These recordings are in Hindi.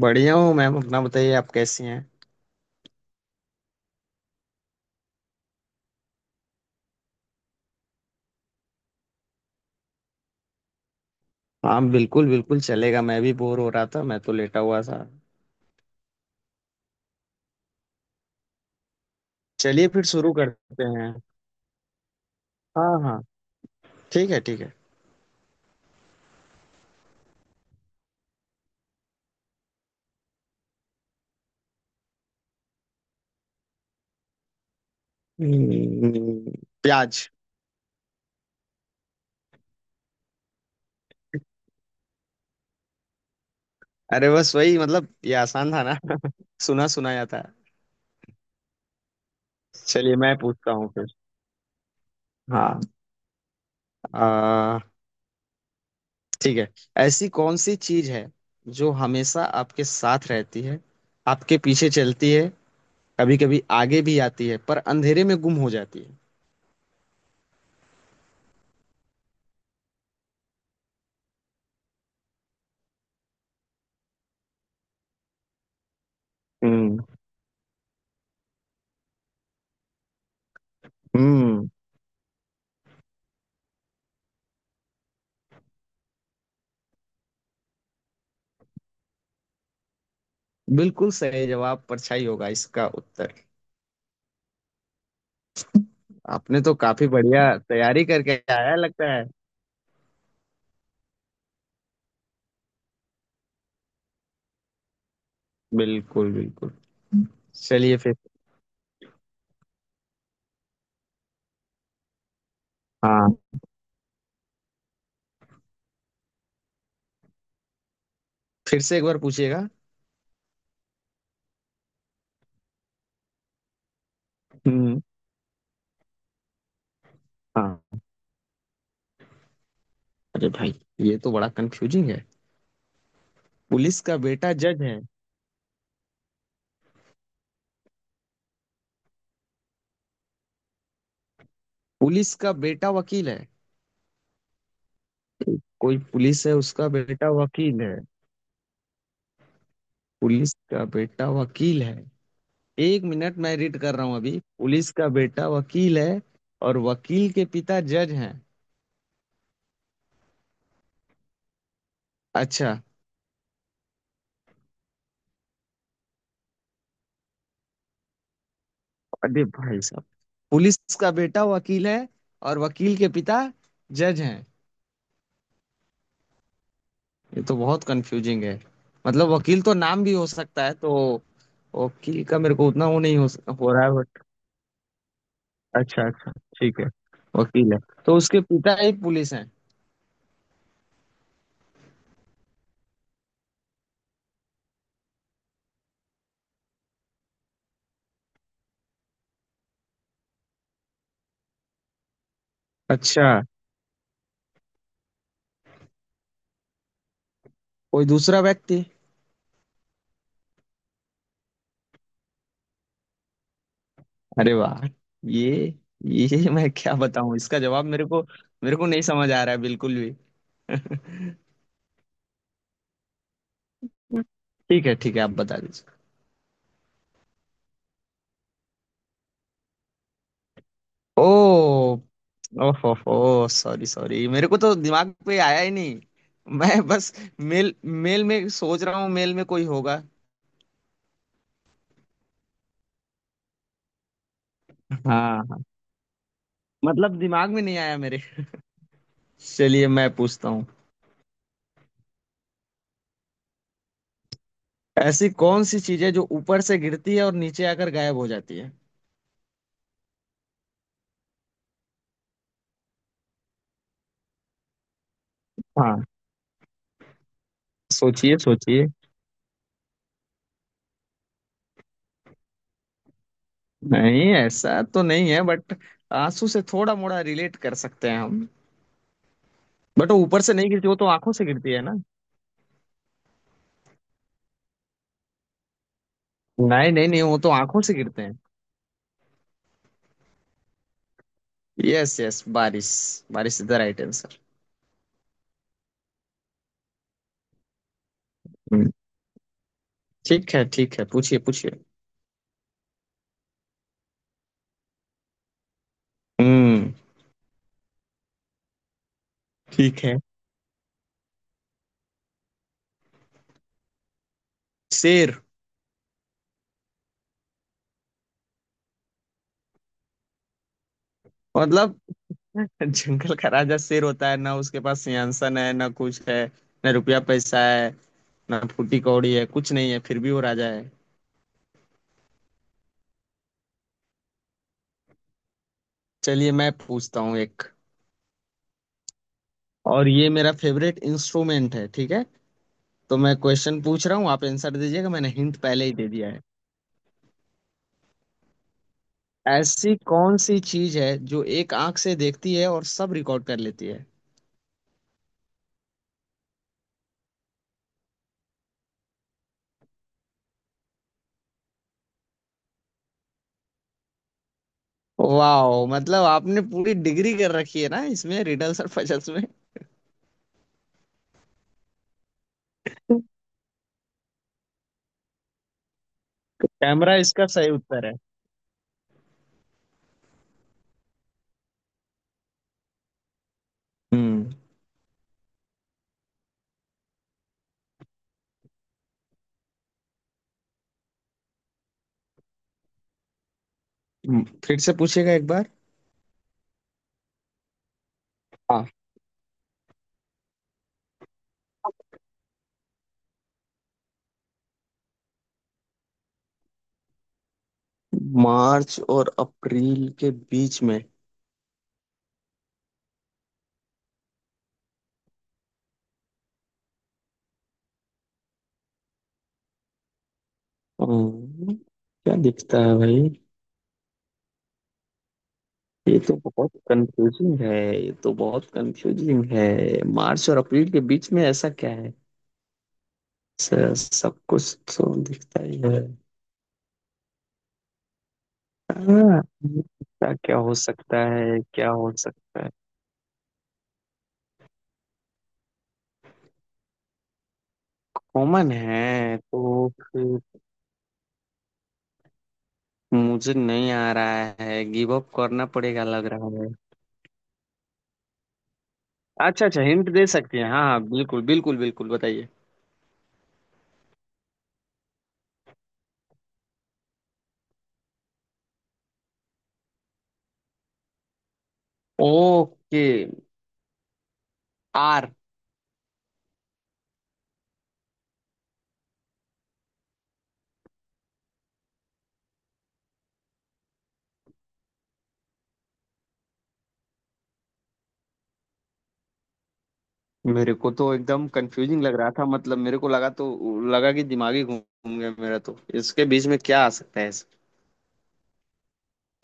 बढ़िया हूँ मैम। अपना बताइए, आप कैसी हैं? हाँ, बिल्कुल बिल्कुल चलेगा। मैं भी बोर हो रहा था, मैं तो लेटा हुआ था। चलिए फिर शुरू करते हैं। हाँ हाँ। ठीक है ठीक है। हम्म, प्याज। अरे बस वही, मतलब ये आसान था ना। सुना सुनाया था। चलिए मैं पूछता हूँ फिर। हाँ। आ, ठीक है। ऐसी कौन सी चीज है जो हमेशा आपके साथ रहती है, आपके पीछे चलती है, कभी कभी आगे भी आती है, पर अंधेरे में गुम हो जाती है? हम्म। हम्म। बिल्कुल सही जवाब, परछाई होगा इसका उत्तर। आपने तो काफी बढ़िया तैयारी करके आया लगता है। बिल्कुल बिल्कुल। चलिए फिर। हाँ। फिर से एक बार पूछिएगा। हम्म। हाँ। अरे भाई, ये तो बड़ा कंफ्यूजिंग है। पुलिस का बेटा जज है। पुलिस का बेटा वकील है। कोई पुलिस है, उसका बेटा वकील है। पुलिस का बेटा वकील है। एक मिनट, मैं रीड कर रहा हूँ अभी। पुलिस का बेटा वकील है और वकील के पिता जज हैं। अच्छा। अरे भाई साहब, पुलिस का बेटा वकील है और वकील के पिता जज हैं। ये तो बहुत कंफ्यूजिंग है। मतलब वकील तो नाम भी हो सकता है तो। वकील का मेरे को उतना वो नहीं हो रहा है, बट अच्छा अच्छा, ठीक है। वकील है, तो उसके पिता ही पुलिस हैं। अच्छा, कोई दूसरा व्यक्ति। अरे वाह! ये ये मैं क्या बताऊं इसका जवाब? मेरे को, मेरे को नहीं समझ आ रहा है बिल्कुल भी। ठीक है ठीक है, आप बता दीजिए। ओ, ओहो सॉरी सॉरी, मेरे को तो दिमाग पे आया ही नहीं। मैं बस मेल, मेल में सोच रहा हूँ, मेल में कोई होगा। हाँ। हाँ। मतलब दिमाग में नहीं आया मेरे। चलिए मैं पूछता हूँ। ऐसी कौन सी चीजें जो ऊपर से गिरती है और नीचे आकर गायब हो जाती है? हाँ। सोचिए सोचिए। नहीं, ऐसा तो नहीं है, बट आंसू से थोड़ा मोड़ा रिलेट कर सकते हैं हम। बट वो ऊपर से नहीं गिरती, वो तो आंखों से गिरती है ना। नहीं नहीं नहीं, वो तो आंखों से गिरते हैं। यस यस, बारिश। बारिश इज द राइट आंसर। ठीक है ठीक है, पूछिए पूछिए। हम्म। ठीक है। शेर। मतलब जंगल का राजा शेर होता है ना, उसके पास सिंहासन है ना कुछ है, ना रुपया पैसा है, ना फूटी कौड़ी है, कुछ नहीं है फिर भी वो राजा है। चलिए मैं पूछता हूँ एक। और ये मेरा फेवरेट इंस्ट्रूमेंट है, ठीक है, तो मैं क्वेश्चन पूछ रहा हूँ, आप आंसर दीजिएगा, मैंने हिंट पहले ही दे दिया है। ऐसी कौन सी चीज है जो एक आंख से देखती है और सब रिकॉर्ड कर लेती है? वाह, मतलब आपने पूरी डिग्री कर रखी है ना इसमें, रिडल्स और पजल्स में। कैमरा इसका सही उत्तर है। हम्म। फिर से पूछिएगा एक बार। हाँ। मार्च और अप्रैल के बीच में। हम्म, क्या दिखता है भाई? ये तो बहुत कंफ्यूजिंग है। ये तो बहुत कंफ्यूजिंग है। मार्च और अप्रैल के बीच में ऐसा क्या है? सब कुछ तो दिखता ही है। हाँ, ऐसा क्या हो सकता है, क्या हो सकता है? कॉमन है तो। मुझे नहीं आ रहा है, गिव अप करना पड़ेगा लग रहा है। अच्छा अच्छा, हिंट दे सकती हैं? हाँ हाँ बिल्कुल बिल्कुल बिल्कुल, बताइए। ओके। आर। मेरे को तो एकदम कंफ्यूजिंग लग रहा था, मतलब मेरे को लगा तो लगा कि दिमागी घूम गया मेरा, तो इसके बीच में क्या आ सकता है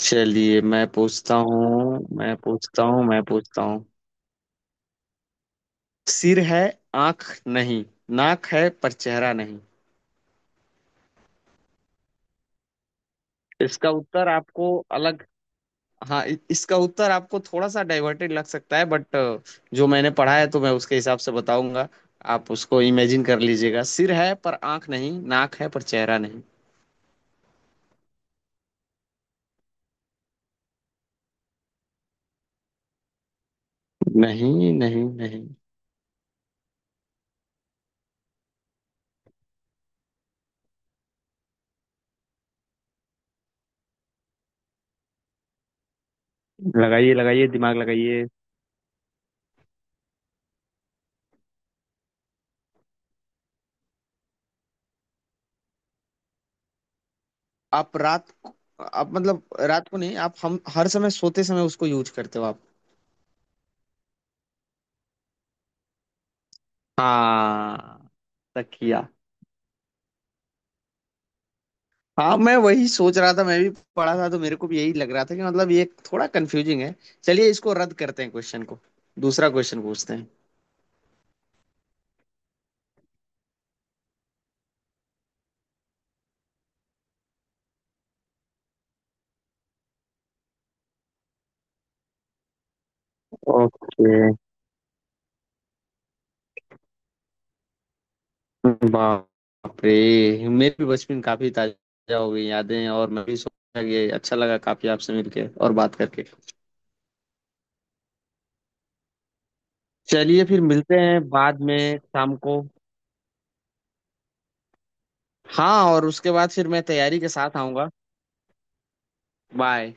चलिए मैं पूछता हूँ, मैं पूछता हूँ, मैं पूछता हूँ। सिर है आंख नहीं, नाक है पर चेहरा नहीं। इसका उत्तर आपको अलग, हाँ इसका उत्तर आपको थोड़ा सा डाइवर्टेड लग सकता है, बट जो मैंने पढ़ा है तो मैं उसके हिसाब से बताऊंगा। आप उसको इमेजिन कर लीजिएगा। सिर है पर आंख नहीं, नाक है पर चेहरा नहीं। नहीं नहीं नहीं। लगाइए लगाइए, दिमाग लगाइए। आप रात को, आप मतलब, रात को नहीं, आप हम हर समय सोते समय उसको यूज करते हो आप। हाँ तकिया। हाँ, मैं वही सोच रहा था। मैं भी पढ़ा था, तो मेरे को भी यही लग रहा था कि मतलब ये थोड़ा कंफ्यूजिंग है। चलिए इसको रद्द करते हैं क्वेश्चन को, दूसरा क्वेश्चन पूछते हैं। ओके। बाप रे, मेरे भी बचपन काफी ताजा हो गई यादें, और मैं भी सोचा कि अच्छा लगा काफी आपसे मिलके और बात करके। चलिए फिर मिलते हैं बाद में शाम को। हाँ, और उसके बाद फिर मैं तैयारी के साथ आऊंगा। बाय।